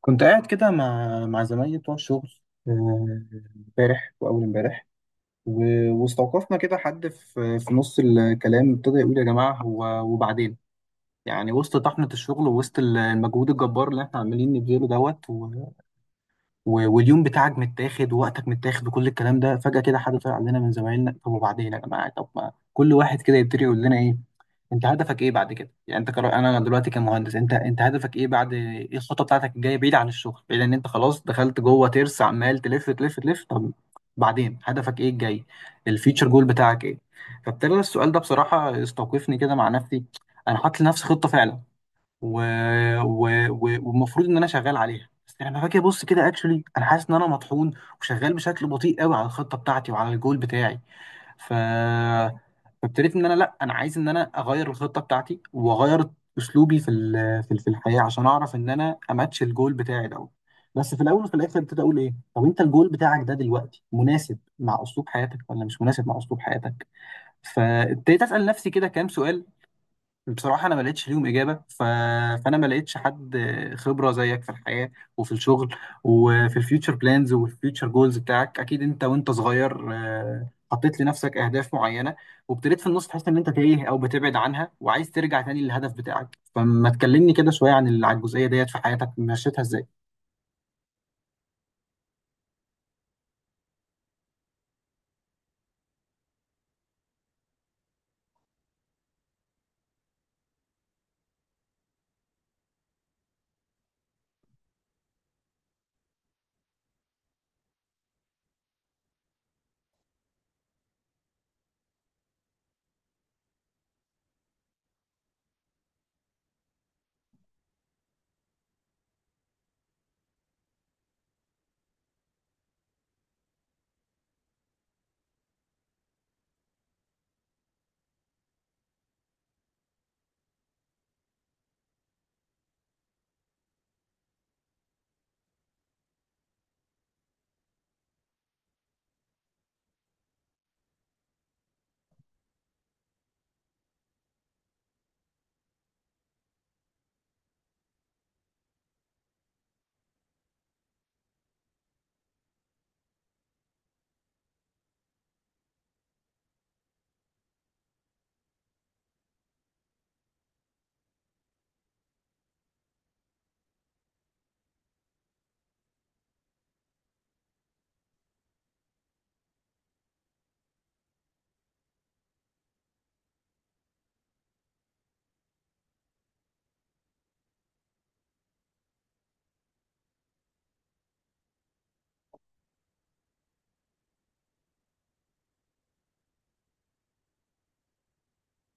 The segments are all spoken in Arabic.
كنت قاعد كده مع زمايلي بتوع الشغل، آه، امبارح واول امبارح. و- واستوقفنا كده حد في نص الكلام، ابتدى يقول: يا جماعه، هو وبعدين يعني وسط طحنه الشغل ووسط المجهود الجبار اللي احنا عمالين نبذله دوت و... و... واليوم بتاعك متاخد ووقتك متاخد وكل الكلام ده، فجاه كده حد طلع علينا من زمايلنا: طب وبعدين يا جماعه، طب ما كل واحد كده يبتدي يقول لنا ايه انت هدفك ايه بعد كده؟ يعني انا دلوقتي كمهندس، انت هدفك ايه بعد، ايه الخطه بتاعتك الجايه بعيد عن الشغل، بعيد ان انت خلاص دخلت جوه ترس عمال تلف تلف تلف؟ طب بعدين هدفك ايه الجاي؟ الفيتشر جول بتاعك ايه؟ فابتدى السؤال ده بصراحه استوقفني كده مع نفسي. انا حاطط لنفسي خطه فعلا و... و... و... والمفروض ان انا شغال عليها، بس لما باجي ابص كده اكشولي انا حاسس ان انا مطحون وشغال بشكل بطيء قوي على الخطه بتاعتي وعلى الجول بتاعي. ف فابتديت ان انا لا، انا عايز ان انا اغير الخطه بتاعتي واغير اسلوبي في الحياه عشان اعرف ان انا اماتش الجول بتاعي دوت. بس في الاول وفي الاخر ابتدي اقول ايه، طب انت الجول بتاعك ده دلوقتي مناسب مع اسلوب حياتك ولا مش مناسب مع اسلوب حياتك؟ فابتديت اسال نفسي كده كام سؤال. بصراحة أنا ما لقيتش ليهم إجابة. ف... فأنا ما لقيتش حد خبرة زيك في الحياة وفي الشغل وفي الفيوتشر بلانز والفيوتشر جولز بتاعك. أكيد أنت وأنت صغير، حطيت لنفسك أهداف معينة وابتديت في النص تحس إن أنت تايه أو بتبعد عنها وعايز ترجع تاني للهدف بتاعك، فما تكلمني كده شوية عن عن الجزئية ديت في حياتك مشيتها إزاي؟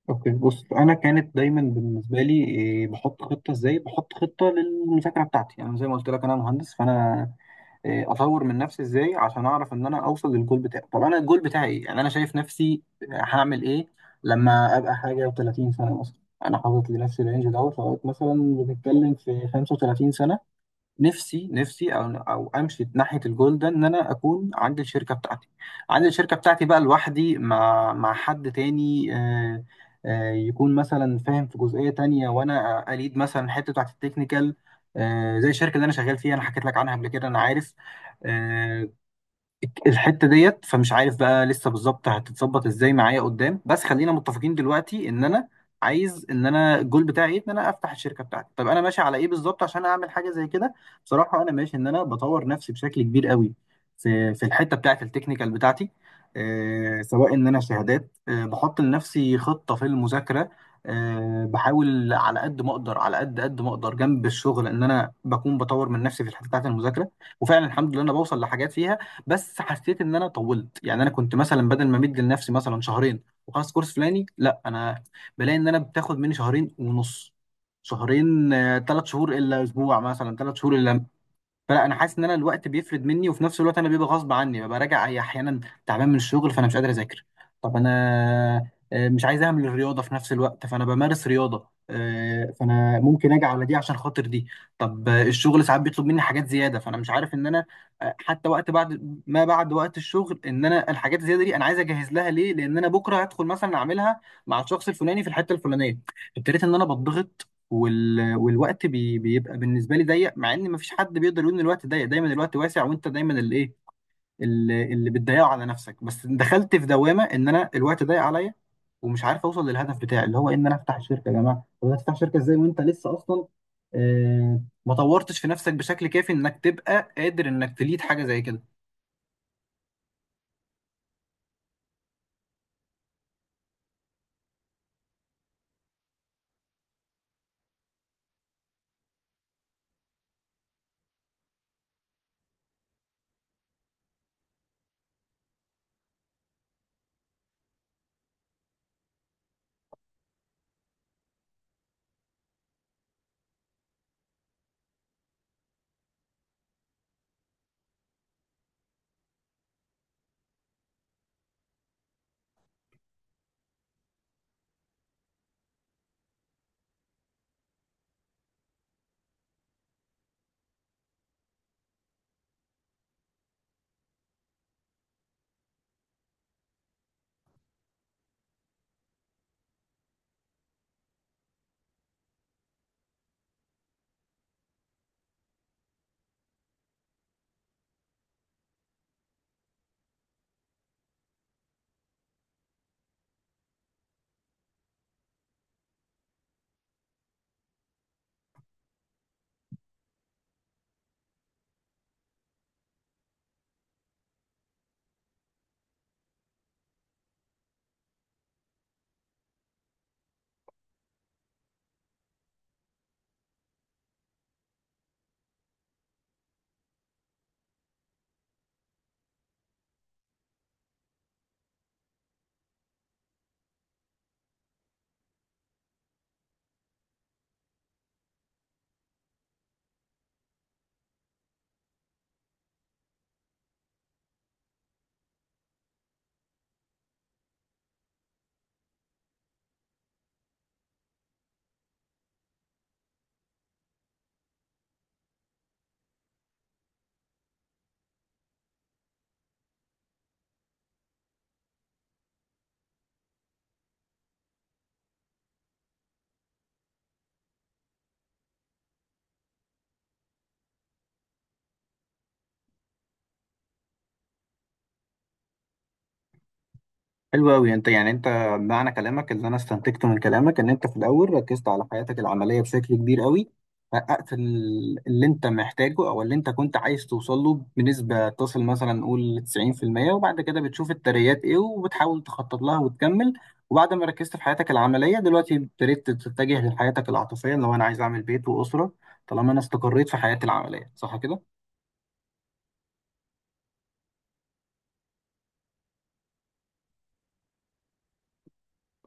اوكي، بص، انا كانت دايما بالنسبه لي إيه، بحط خطه. ازاي بحط خطه للمذاكره بتاعتي؟ يعني زي ما قلت لك انا مهندس، فانا اطور من نفسي. ازاي عشان اعرف ان انا اوصل للجول بتاعي؟ طب انا الجول بتاعي ايه؟ يعني انا شايف نفسي هعمل ايه لما ابقى حاجه و30 سنه مثلا؟ انا حاطط لنفسي الرينج دوت لغايه مثلا بنتكلم في 35 سنه. نفسي، او امشي ناحيه الجول ده ان انا اكون عندي الشركه بتاعتي. عندي الشركه بتاعتي بقى لوحدي مع حد تاني، يكون مثلا فاهم في جزئيه تانية، وانا اليد مثلا الحته بتاعت التكنيكال، زي الشركه اللي انا شغال فيها. انا حكيت لك عنها قبل كده، انا عارف آه، الحته ديت. فمش عارف بقى لسه بالظبط هتتظبط ازاي معايا قدام، بس خلينا متفقين دلوقتي ان انا عايز ان انا الجول بتاعي ايه، ان انا افتح الشركه بتاعتي. طب انا ماشي على ايه بالظبط عشان اعمل حاجه زي كده؟ بصراحه انا ماشي ان انا بطور نفسي بشكل كبير قوي في الحته بتاعت التكنيكال بتاعتي، آه، سواء ان انا شهادات، آه بحط لنفسي خطه في المذاكره، آه بحاول على قد ما اقدر، على قد ما اقدر جنب الشغل ان انا بكون بطور من نفسي في الحته بتاعت المذاكره. وفعلا الحمد لله انا بوصل لحاجات فيها، بس حسيت ان انا طولت. يعني انا كنت مثلا بدل ما مدي لنفسي مثلا شهرين وخلاص كورس فلاني، لا انا بلاقي ان انا بتاخد مني شهرين ونص، شهرين، ثلاث شهور الا اسبوع مثلا، ثلاث شهور الا. فلا انا حاسس ان انا الوقت بيفرد مني، وفي نفس الوقت انا بيبقى غصب عني ببقى راجع احيانا تعبان من الشغل، فانا مش قادر اذاكر. طب انا مش عايز اعمل الرياضه في نفس الوقت، فانا بمارس رياضه، فانا ممكن اجي على دي عشان خاطر دي. طب الشغل ساعات بيطلب مني حاجات زياده، فانا مش عارف ان انا حتى وقت بعد ما، بعد وقت الشغل، ان انا الحاجات الزياده دي انا عايز اجهز لها ليه؟ لان انا بكره هدخل مثلا اعملها مع الشخص الفلاني في الحته الفلانيه. ابتديت ان انا بضغط، وال... والوقت بيبقى بالنسبه لي ضيق، مع ان مفيش حد بيقدر يقول ان الوقت ضيق. دايما الوقت واسع، وانت دايما اللي ايه، اللي بتضيعه على نفسك. بس دخلت في دوامه ان انا الوقت ضيق عليا ومش عارف اوصل للهدف بتاعي، اللي هو ان انا افتح شركه. يا جماعه، طب هتفتح شركه ازاي وانت لسه اصلا آه ما طورتش في نفسك بشكل كافي انك تبقى قادر انك تليد حاجه زي كده؟ حلو أوي. أنت يعني، أنت معنى كلامك، اللي أنا استنتجته من كلامك، إن أنت في الأول ركزت على حياتك العملية بشكل كبير أوي، حققت اللي أنت محتاجه أو اللي أنت كنت عايز توصل له بنسبة تصل مثلا نقول 90%، وبعد كده بتشوف الترقيات إيه وبتحاول تخطط لها وتكمل. وبعد ما ركزت في حياتك العملية دلوقتي ابتديت تتجه لحياتك العاطفية، لو أنا عايز أعمل بيت وأسرة طالما أنا استقريت في حياتي العملية. صح كده؟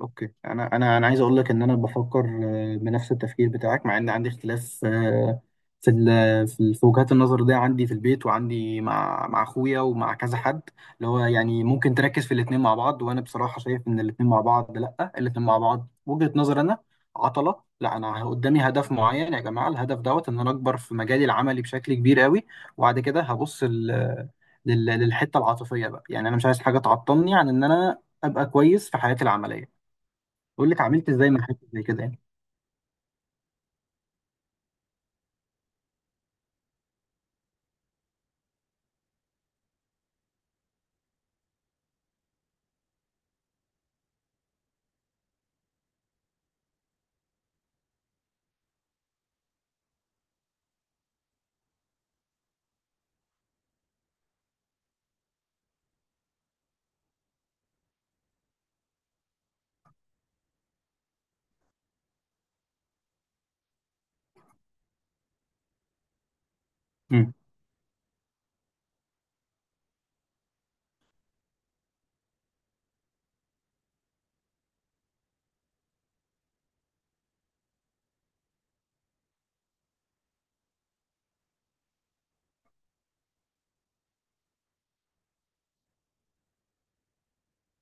اوكي، انا عايز اقول لك ان انا بفكر بنفس التفكير بتاعك، مع ان عندي اختلاف، في وجهات النظر دي، عندي في البيت وعندي مع اخويا ومع كذا حد، اللي هو يعني ممكن تركز في الاثنين مع بعض. وانا بصراحه شايف ان الاثنين مع بعض لا، الاثنين مع بعض وجهه نظر انا عطله. لا، انا قدامي هدف معين يا جماعه، الهدف دوت ان انا اكبر في مجالي العملي بشكل كبير قوي، وبعد كده هبص للحته العاطفيه بقى. يعني انا مش عايز حاجه تعطلني عن ان انا ابقى كويس في حياتي العمليه. بقول لك عملت ازاي من حاجه زي كده يعني. امم.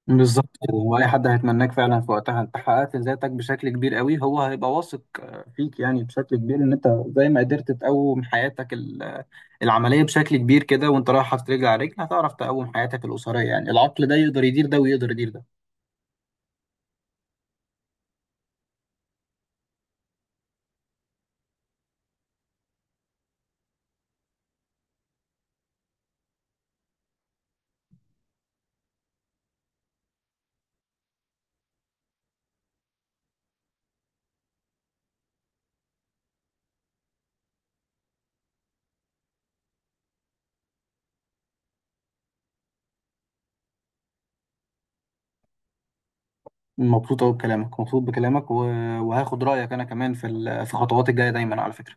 بالظبط كده، هو اي حد هيتمناك فعلا في وقتها. انت حققت ذاتك بشكل كبير قوي، هو هيبقى واثق فيك يعني بشكل كبير ان انت زي ما قدرت تقوم حياتك العمليه بشكل كبير كده، وانت رايح حاطط رجل على رجل هتعرف تقوم حياتك الاسريه. يعني العقل ده يقدر يدير ده ويقدر يدير ده. مبسوط قوي بكلامك، مبسوط بكلامك وهاخد رايك انا كمان في الخطوات الجايه دايما على فكره.